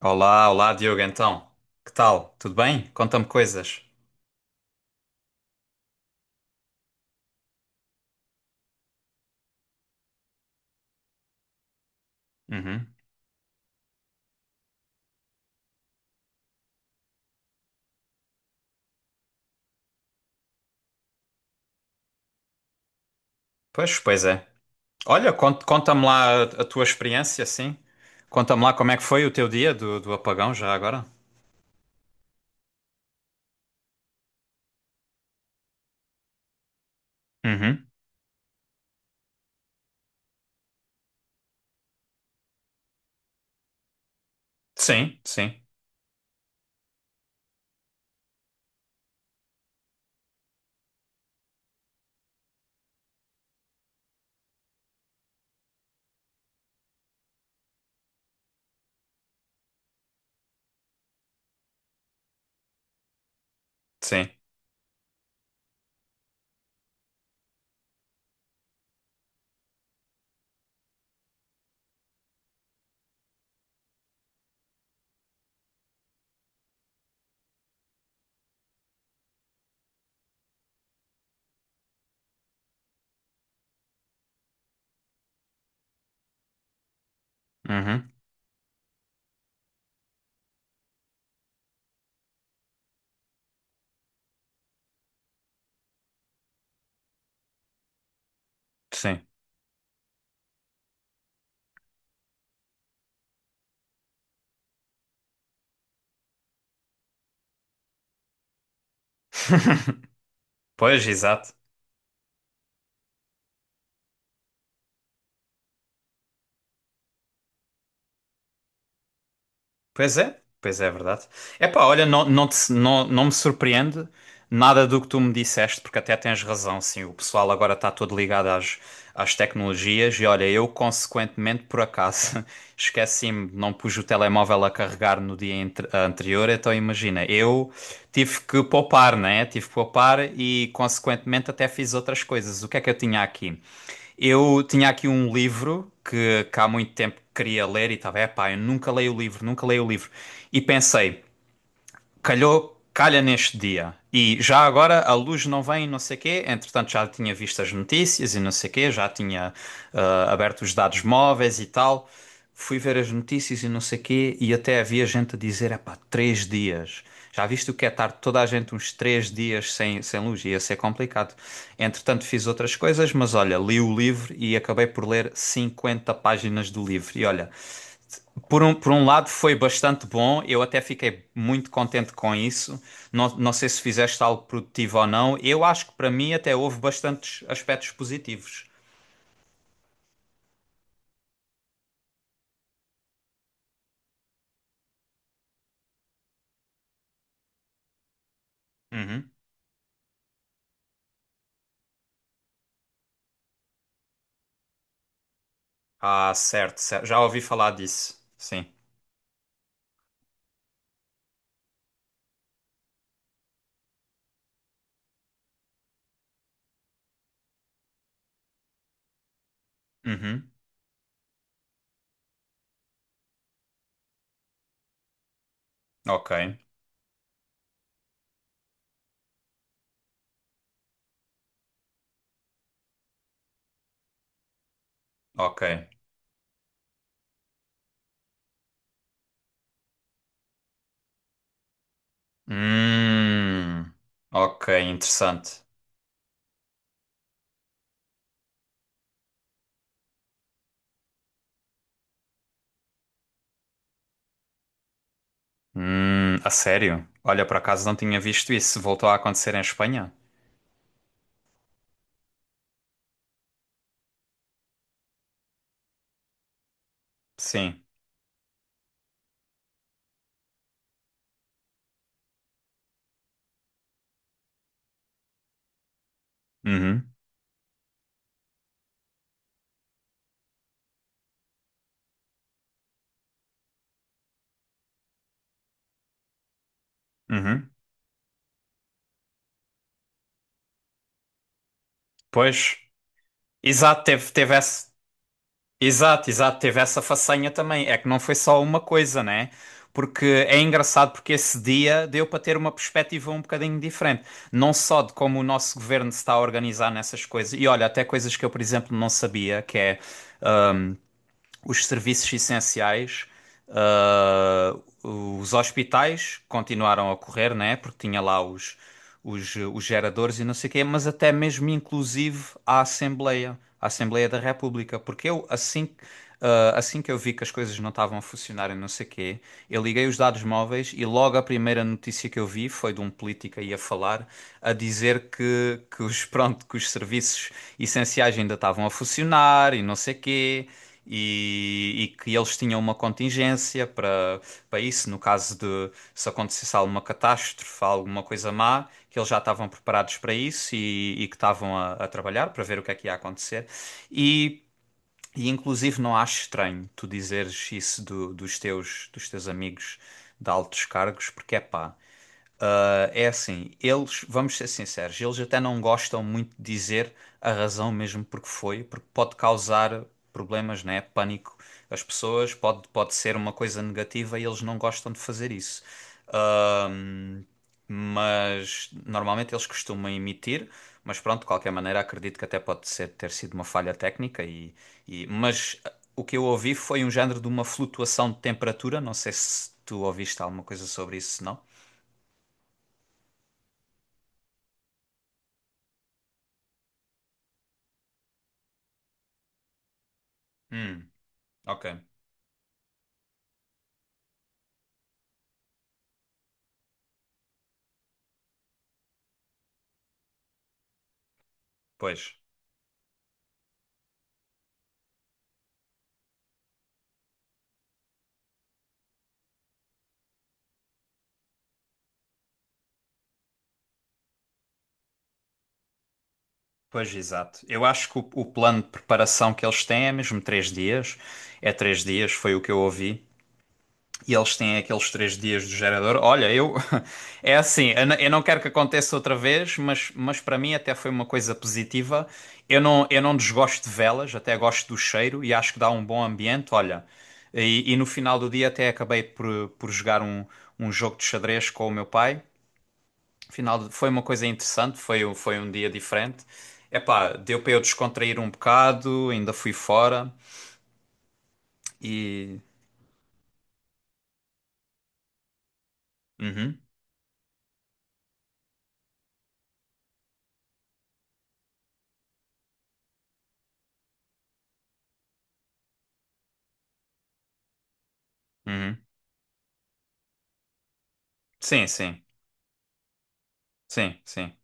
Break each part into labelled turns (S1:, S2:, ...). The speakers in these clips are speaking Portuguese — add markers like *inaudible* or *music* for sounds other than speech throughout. S1: Olá, olá, Diogo, então. Que tal? Tudo bem? Conta-me coisas. Uhum. Pois, pois é. Olha, conta-me lá a tua experiência, sim. Conta-me lá como é que foi o teu dia do apagão, já agora. Uhum. Sim, sim, sim. Uhum. Sim. Pois, exato. Pois é, é verdade. Epá, olha, não me surpreende nada do que tu me disseste, porque até tens razão, sim. O pessoal agora está todo ligado às tecnologias e olha, eu consequentemente, por acaso, *laughs* esqueci-me, não pus o telemóvel a carregar no dia anterior, então imagina, eu tive que poupar, né? Tive que poupar e consequentemente até fiz outras coisas. O que é que eu tinha aqui? Eu tinha aqui um livro que há muito tempo queria ler e estava, é pá eu nunca leio o livro, nunca leio o livro. E pensei, calhou, calha neste dia. E já agora a luz não vem, não sei quê. Entretanto, já tinha visto as notícias e não sei quê, já tinha aberto os dados móveis e tal. Fui ver as notícias e não sei quê, e até havia gente a dizer: epá, 3 dias. Já viste o que é estar toda a gente uns 3 dias sem, sem luz? Ia ser complicado. Entretanto, fiz outras coisas, mas olha, li o livro e acabei por ler 50 páginas do livro. E olha, por um lado foi bastante bom, eu até fiquei muito contente com isso. Não, não sei se fizeste algo produtivo ou não. Eu acho que para mim até houve bastantes aspectos positivos. Uhum. Ah, certo, certo. Já ouvi falar disso. Sim. Uhum. Ok, ok. Hum, ok, interessante. A sério? Olha, por acaso não tinha visto isso. Voltou a acontecer em Espanha? Sim. Uhum, uhum. Pois, exato, teve essa. Exato, exato, teve essa façanha também. É que não foi só uma coisa, né? Porque é engraçado porque esse dia deu para ter uma perspectiva um bocadinho diferente. Não só de como o nosso governo se está a organizar nessas coisas. E olha, até coisas que eu, por exemplo, não sabia, que é os serviços essenciais, ah, os hospitais continuaram a correr, né? Porque tinha lá os geradores e não sei o quê, mas até mesmo inclusive a Assembleia da República, porque eu assim, assim que eu vi que as coisas não estavam a funcionar e não sei o quê, eu liguei os dados móveis e logo a primeira notícia que eu vi foi de um político aí a falar, a dizer que, *laughs* pronto, que os serviços essenciais ainda estavam a funcionar e não sei o quê e que eles tinham uma contingência para isso, no caso de se acontecesse alguma catástrofe, alguma coisa má, que eles já estavam preparados para isso e que estavam a trabalhar para ver o que é que ia acontecer. E, e inclusive não acho estranho tu dizeres isso dos teus amigos de altos cargos, porque é pá. Ah, é assim, eles, vamos ser sinceros, eles até não gostam muito de dizer a razão mesmo porque foi, porque pode causar problemas, né? Pânico às pessoas, pode ser uma coisa negativa e eles não gostam de fazer isso. Ahm, mas normalmente eles costumam emitir, mas pronto, de qualquer maneira, acredito que até pode ser, ter sido uma falha técnica mas o que eu ouvi foi um género de uma flutuação de temperatura, não sei se tu ouviste alguma coisa sobre isso, não? Hum. Ok, pois, pois, exato. Eu acho que o plano de preparação que eles têm é mesmo 3 dias. É três dias, foi o que eu ouvi. E eles têm aqueles 3 dias do gerador. Olha, eu. *laughs* É assim, eu não quero que aconteça outra vez, mas para mim até foi uma coisa positiva. Eu não desgosto de velas, até gosto do cheiro e acho que dá um bom ambiente. Olha, e no final do dia até acabei por jogar um jogo de xadrez com o meu pai. Foi uma coisa interessante, foi um dia diferente. Epá, deu para eu descontrair um bocado, ainda fui fora e. Uhum, uhum. Sim, sim, sim, sim,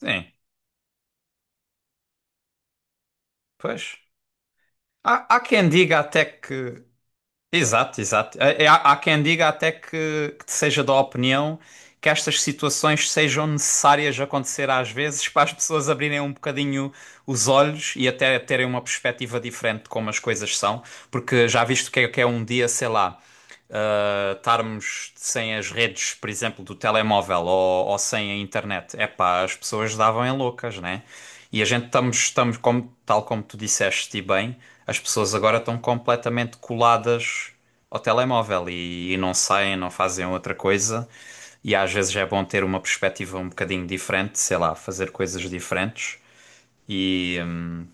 S1: sim. Pois. Há quem diga até que. Exato, exato. Há quem diga até que seja da opinião que estas situações sejam necessárias acontecer às vezes para as pessoas abrirem um bocadinho os olhos e até terem uma perspectiva diferente de como as coisas são, porque já viste o que é um dia, sei lá estarmos sem as redes, por exemplo, do telemóvel ou sem a internet, é pá, as pessoas davam em loucas, né? E a gente estamos, estamos como, tal como tu disseste e bem, as pessoas agora estão completamente coladas ao telemóvel e não saem, não fazem outra coisa. E às vezes é bom ter uma perspectiva um bocadinho diferente, sei lá, fazer coisas diferentes. E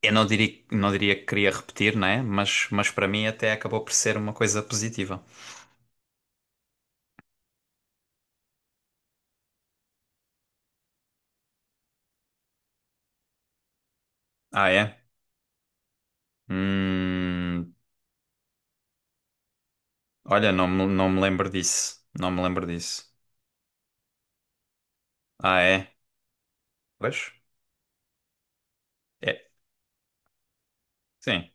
S1: eu não diria que queria repetir, né? Mas para mim até acabou por ser uma coisa positiva. Ah, é? Hum, olha, não me lembro disso. Não me lembro disso. Ah, é? Pois? É. Sim.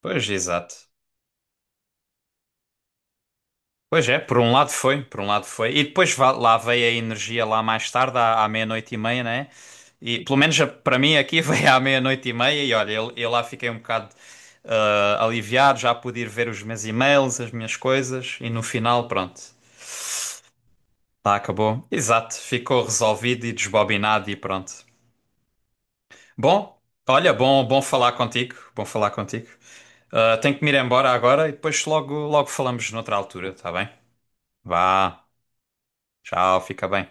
S1: Pois, exato. Pois é, por um lado foi, por um lado foi. E depois lá veio a energia lá mais tarde, à meia-noite e meia, né? E pelo menos para mim aqui *laughs* veio à meia-noite e meia e olha, eu lá fiquei um bocado aliviado, já pude ir ver os meus e-mails, as minhas coisas e no final, pronto, lá acabou. Exato, ficou resolvido e desbobinado e pronto. Bom, olha, bom falar contigo, bom falar contigo. Ah, tenho que me ir embora agora e depois logo, logo falamos noutra altura, tá bem? Vá, tchau, fica bem.